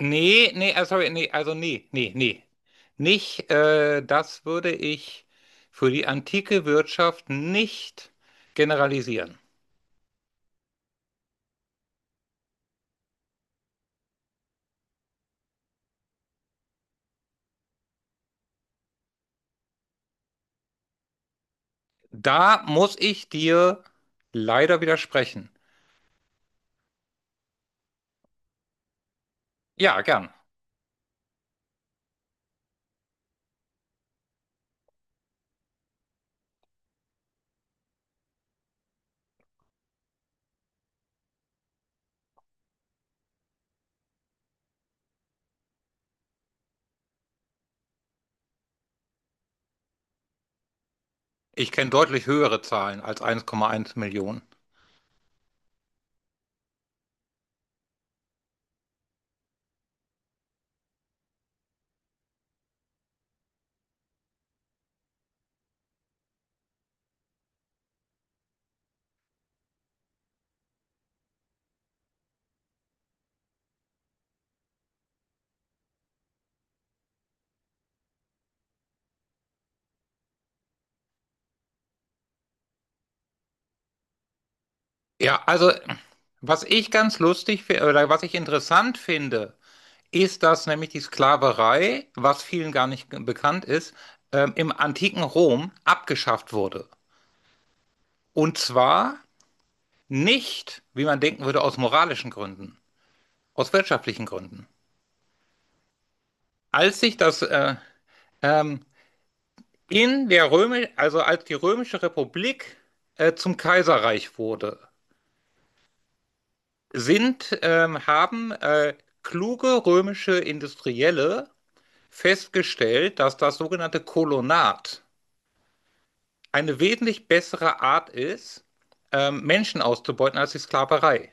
Nee, nee, sorry, nee, also nee, nee, nee. Nicht, das würde ich für die antike Wirtschaft nicht generalisieren. Da muss ich dir leider widersprechen. Ja, gern. Ich kenne deutlich höhere Zahlen als 1,1 Millionen. Ja, also was ich ganz lustig finde oder was ich interessant finde, ist, dass nämlich die Sklaverei, was vielen gar nicht bekannt ist, im antiken Rom abgeschafft wurde. Und zwar nicht, wie man denken würde, aus moralischen Gründen, aus wirtschaftlichen Gründen. Als sich das ähm, also als die Römische Republik zum Kaiserreich wurde, haben kluge römische Industrielle festgestellt, dass das sogenannte Kolonat eine wesentlich bessere Art ist, Menschen auszubeuten als die Sklaverei.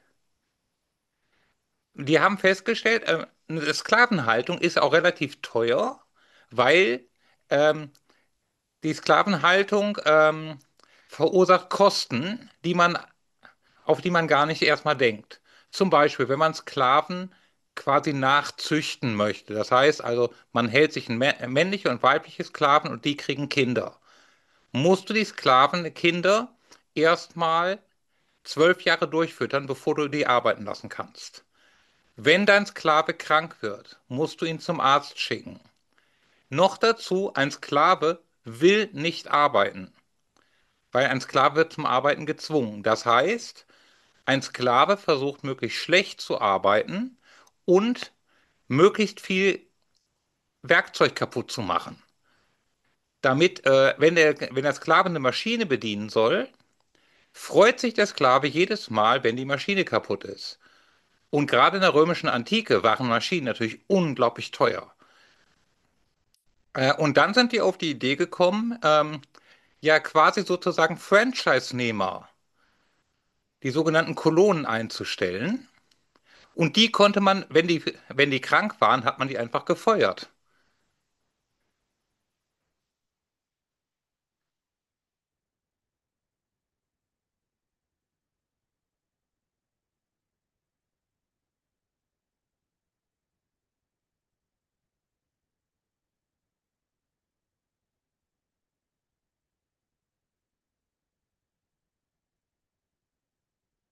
Die haben festgestellt, eine Sklavenhaltung ist auch relativ teuer, weil ähm, die Sklavenhaltung verursacht Kosten, auf die man gar nicht erstmal denkt. Zum Beispiel, wenn man Sklaven quasi nachzüchten möchte. Das heißt also, man hält sich männliche und weibliche Sklaven und die kriegen Kinder. Musst du die Kinder erstmal 12 Jahre durchfüttern, bevor du die arbeiten lassen kannst. Wenn dein Sklave krank wird, musst du ihn zum Arzt schicken. Noch dazu, ein Sklave will nicht arbeiten, weil ein Sklave wird zum Arbeiten gezwungen. Das heißt, ein Sklave versucht möglichst schlecht zu arbeiten und möglichst viel Werkzeug kaputt zu machen. Damit, wenn, der, wenn der Sklave eine Maschine bedienen soll, freut sich der Sklave jedes Mal, wenn die Maschine kaputt ist. Und gerade in der römischen Antike waren Maschinen natürlich unglaublich teuer. Und dann sind die auf die Idee gekommen, ja quasi sozusagen Franchise-Nehmer, die sogenannten Kolonen einzustellen. Und die konnte man, wenn die krank waren, hat man die einfach gefeuert.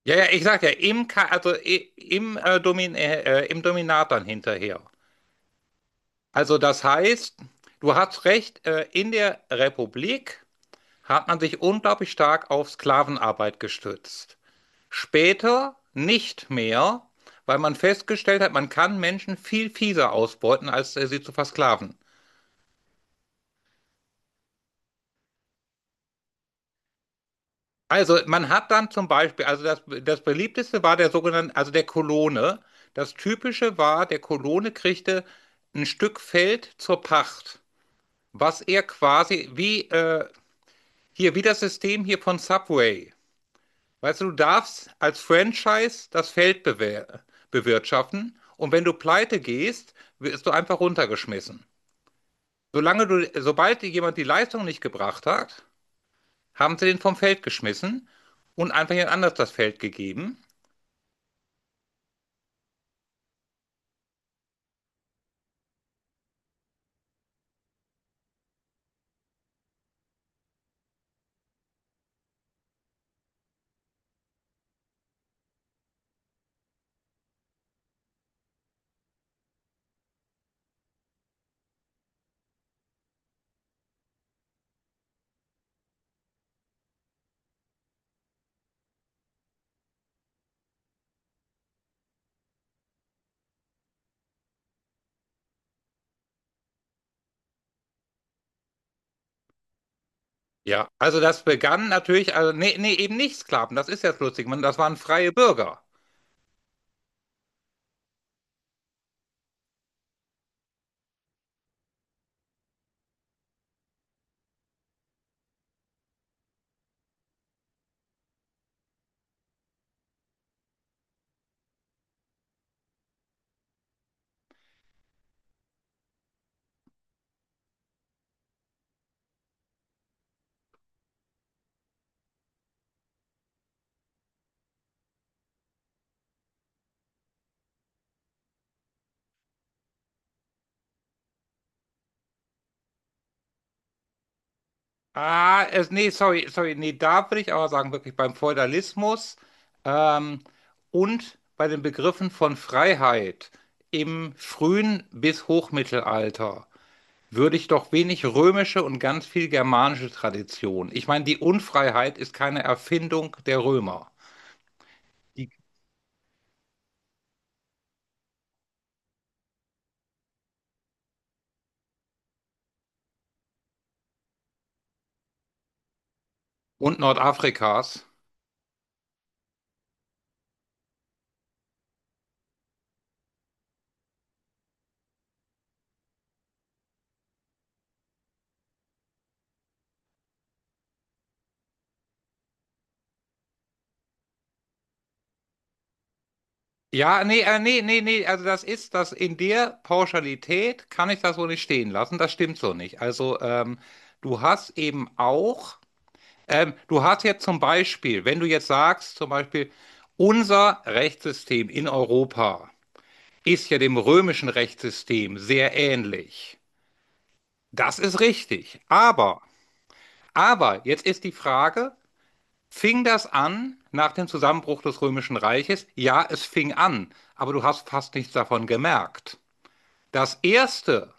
Ja, ja, ich sag ja, im, Ka- also i- im, Domin im Dominat dann hinterher. Also das heißt, du hast recht, in der Republik hat man sich unglaublich stark auf Sklavenarbeit gestützt. Später nicht mehr, weil man festgestellt hat, man kann Menschen viel fieser ausbeuten, als sie zu versklaven. Also man hat dann zum Beispiel, also das beliebteste war der sogenannte, also der Kolone. Das typische war, der Kolone kriegte ein Stück Feld zur Pacht, was er quasi wie das System hier von Subway. Weißt du, du darfst als Franchise das Feld bewer bewirtschaften und wenn du pleite gehst, wirst du einfach runtergeschmissen. Sobald dir jemand die Leistung nicht gebracht hat, haben sie den vom Feld geschmissen und einfach jemand anders das Feld gegeben. Ja, also das begann natürlich, also nee, nee, eben nicht Sklaven, das ist jetzt lustig, das waren freie Bürger. Ah, nee, sorry, nee, da würde ich aber sagen, wirklich beim Feudalismus ähm, und bei den Begriffen von Freiheit im frühen bis Hochmittelalter würde ich doch wenig römische und ganz viel germanische Tradition. Ich meine, die Unfreiheit ist keine Erfindung der Römer Die, und Nordafrikas. Ja, nee, nee, nee, nee, also das in der Pauschalität kann ich das so nicht stehen lassen. Das stimmt so nicht. Also du hast eben auch, du hast jetzt zum Beispiel, wenn du jetzt sagst, zum Beispiel, unser Rechtssystem in Europa ist ja dem römischen Rechtssystem sehr ähnlich. Das ist richtig. Aber jetzt ist die Frage, fing das an nach dem Zusammenbruch des Römischen Reiches? Ja, es fing an, aber du hast fast nichts davon gemerkt. Das erste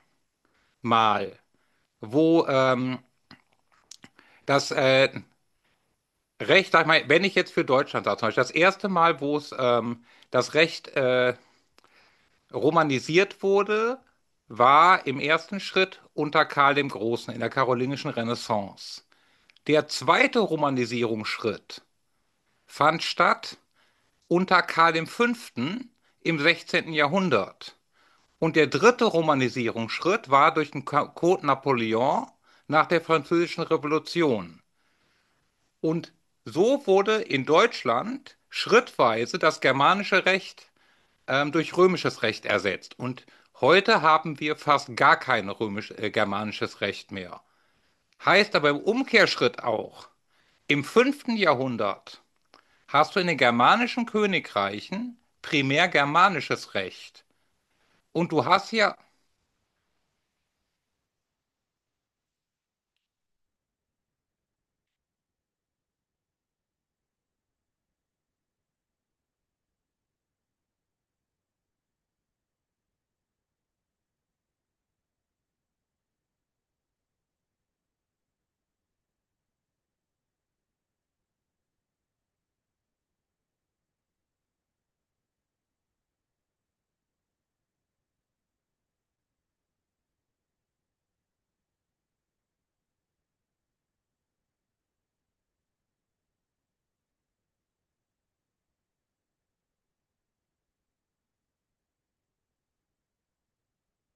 Mal, wo das äh, sag ich mal, wenn ich jetzt für Deutschland sage, zum Beispiel das erste Mal, wo es das Recht romanisiert wurde, war im ersten Schritt unter Karl dem Großen in der karolingischen Renaissance. Der zweite Romanisierungsschritt fand statt unter Karl V. im 16. Jahrhundert. Und der dritte Romanisierungsschritt war durch den Code Napoleon nach der Französischen Revolution. Und so wurde in Deutschland schrittweise das germanische Recht durch römisches Recht ersetzt. Und heute haben wir fast gar kein germanisches Recht mehr. Heißt aber im Umkehrschritt auch, im fünften Jahrhundert hast du in den germanischen Königreichen primär germanisches Recht. Und du hast hier.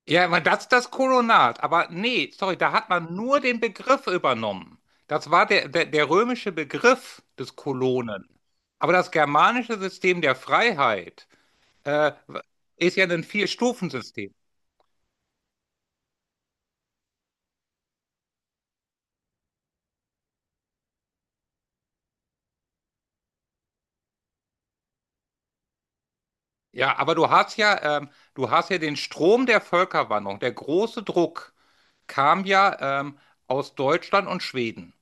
Ja, aber das ist das Kolonat, aber nee, sorry, da hat man nur den Begriff übernommen. Das war der römische Begriff des Kolonen. Aber das germanische System der Freiheit äh, ist ja ein Vier-Stufen-System. Ja, aber du hast ja den Strom der Völkerwanderung, der große Druck kam ja aus Deutschland und Schweden.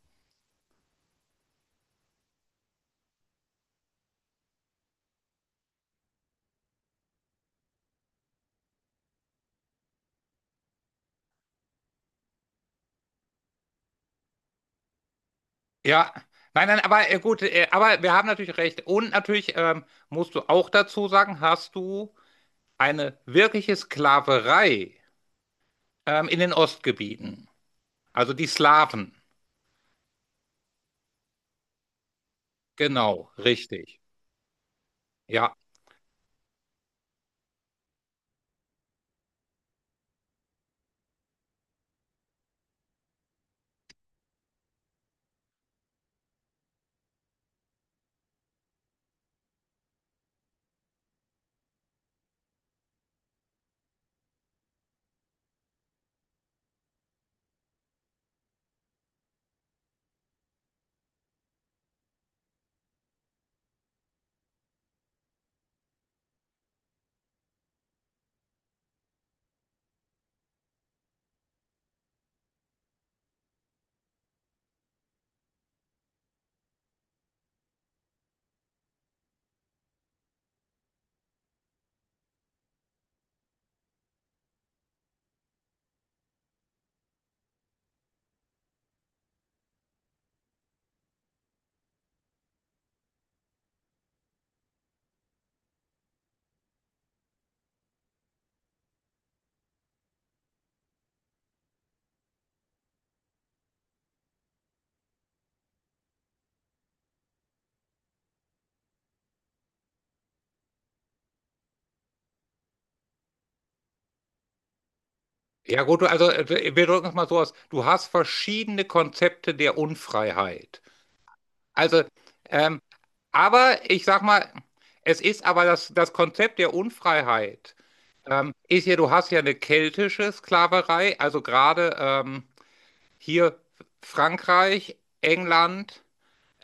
Ja, nein, nein, aber gut, aber wir haben natürlich recht. Und natürlich musst du auch dazu sagen, hast du eine wirkliche Sklaverei in den Ostgebieten. Also die Slawen. Genau, richtig. Ja, ja gut, wir drücken es mal so aus. Du hast verschiedene Konzepte der Unfreiheit. Also, ähm, aber ich sag mal, es ist aber das Konzept der Unfreiheit. Du hast ja eine keltische Sklaverei, also gerade hier Frankreich, England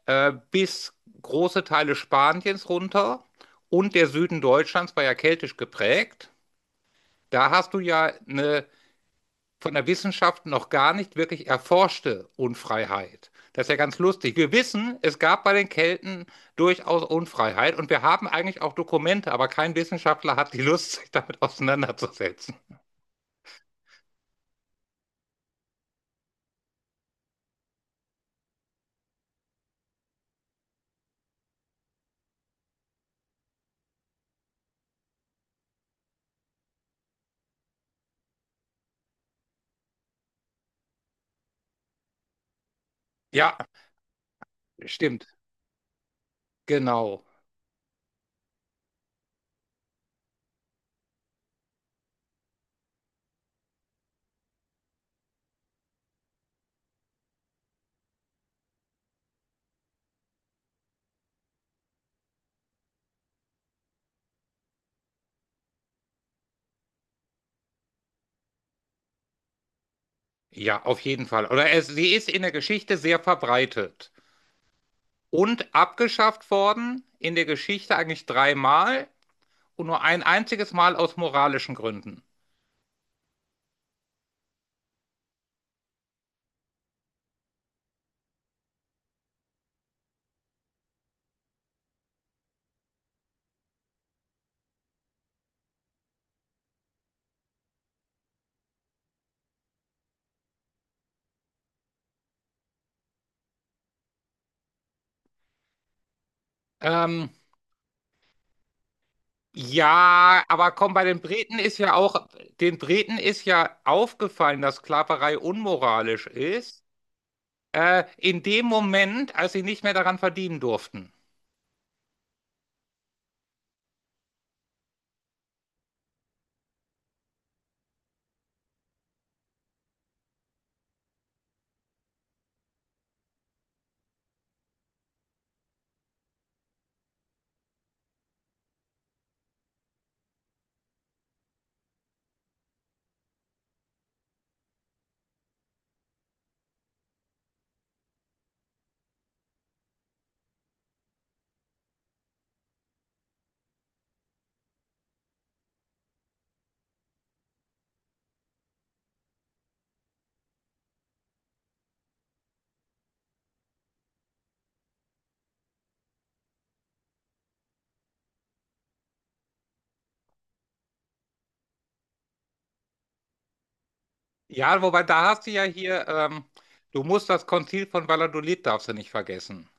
bis große Teile Spaniens runter und der Süden Deutschlands war ja keltisch geprägt. Da hast du ja eine von der Wissenschaft noch gar nicht wirklich erforschte Unfreiheit. Das ist ja ganz lustig. Wir wissen, es gab bei den Kelten durchaus Unfreiheit und wir haben eigentlich auch Dokumente, aber kein Wissenschaftler hat die Lust, sich damit auseinanderzusetzen. Ja, stimmt. Genau. Ja, auf jeden Fall. Oder sie ist in der Geschichte sehr verbreitet und abgeschafft worden, in der Geschichte eigentlich dreimal und nur ein einziges Mal aus moralischen Gründen. Ähm, ja, aber komm, bei den Briten ist ja auch, den Briten ist ja aufgefallen, dass Sklaverei unmoralisch ist, in dem Moment, als sie nicht mehr daran verdienen durften. Ja, wobei da hast du ja hier, du musst das Konzil von Valladolid, darfst du nicht vergessen.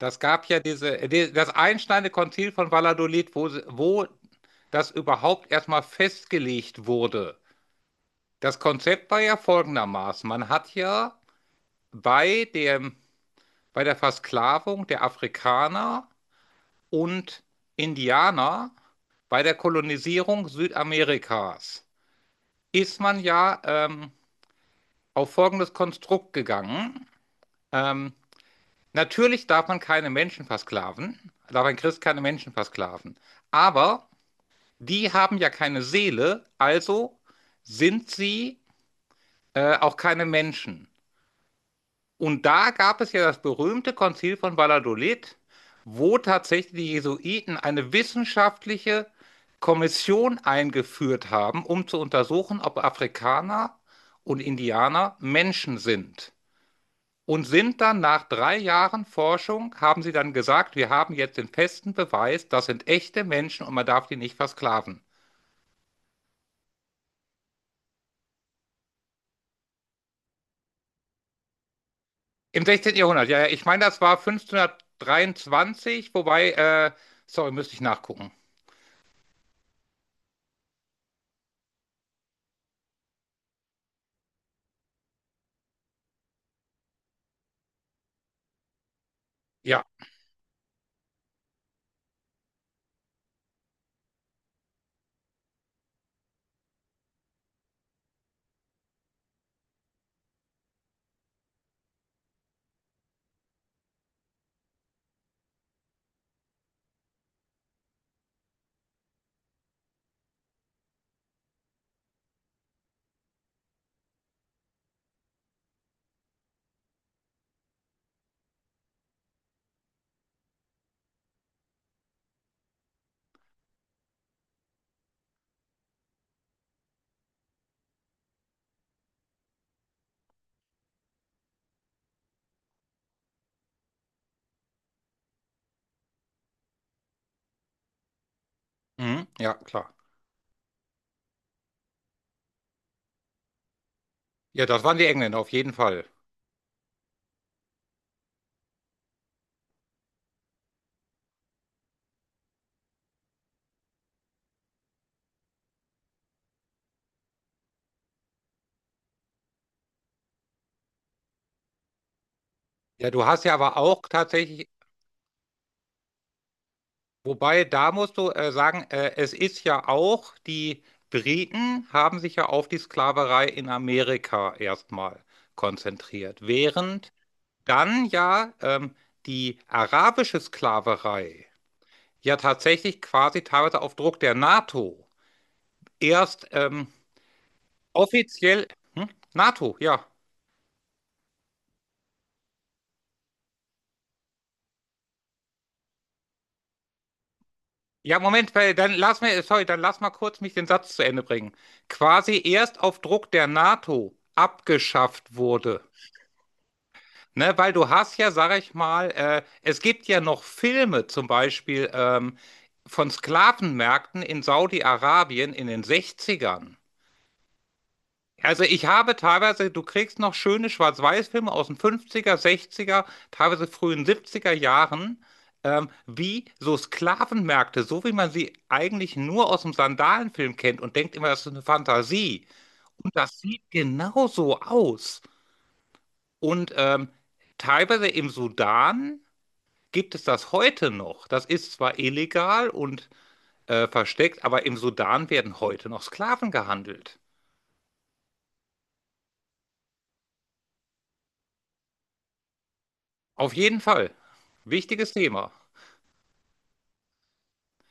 Das gab ja das einschneidende Konzil von Valladolid, wo, wo das überhaupt erstmal festgelegt wurde. Das Konzept war ja folgendermaßen. Man hat ja bei dem, bei der Versklavung der Afrikaner und Indianer, bei der Kolonisierung Südamerikas, ist man ja auf folgendes Konstrukt gegangen. Ähm, Natürlich darf man keine Menschen versklaven, darf ein Christ keine Menschen versklaven. Aber die haben ja keine Seele, also sind sie auch keine Menschen. Und da gab es ja das berühmte Konzil von Valladolid, wo tatsächlich die Jesuiten eine wissenschaftliche Kommission eingeführt haben, um zu untersuchen, ob Afrikaner und Indianer Menschen sind. Und sind dann nach 3 Jahren Forschung, haben sie dann gesagt, wir haben jetzt den festen Beweis, das sind echte Menschen und man darf die nicht versklaven. Im 16. Jahrhundert, ja, ja. Ich meine, das war 1523, wobei, sorry, müsste ich nachgucken. Ja, mhm, ja, klar. Ja, das waren die Engländer, auf jeden Fall. Ja, du hast ja aber auch tatsächlich, wobei, da musst du sagen, es ist ja auch, die Briten haben sich ja auf die Sklaverei in Amerika erstmal konzentriert, während dann ja die arabische Sklaverei ja tatsächlich quasi teilweise auf Druck der NATO erst offiziell. Hm? NATO, ja. Ja, Moment, weil dann sorry, dann lass mal kurz mich den Satz zu Ende bringen. Quasi erst auf Druck der NATO abgeschafft wurde. Ne, weil du hast ja, sag ich mal, es gibt ja noch Filme, zum Beispiel von Sklavenmärkten in Saudi-Arabien in den 60ern. Also ich habe teilweise, du kriegst noch schöne Schwarz-Weiß-Filme aus den 50er, 60er, teilweise frühen 70er Jahren, wie so Sklavenmärkte, so wie man sie eigentlich nur aus dem Sandalenfilm kennt und denkt immer, das ist eine Fantasie. Und das sieht genauso aus. Und teilweise im Sudan gibt es das heute noch. Das ist zwar illegal und versteckt, aber im Sudan werden heute noch Sklaven gehandelt. Auf jeden Fall. Wichtiges Thema.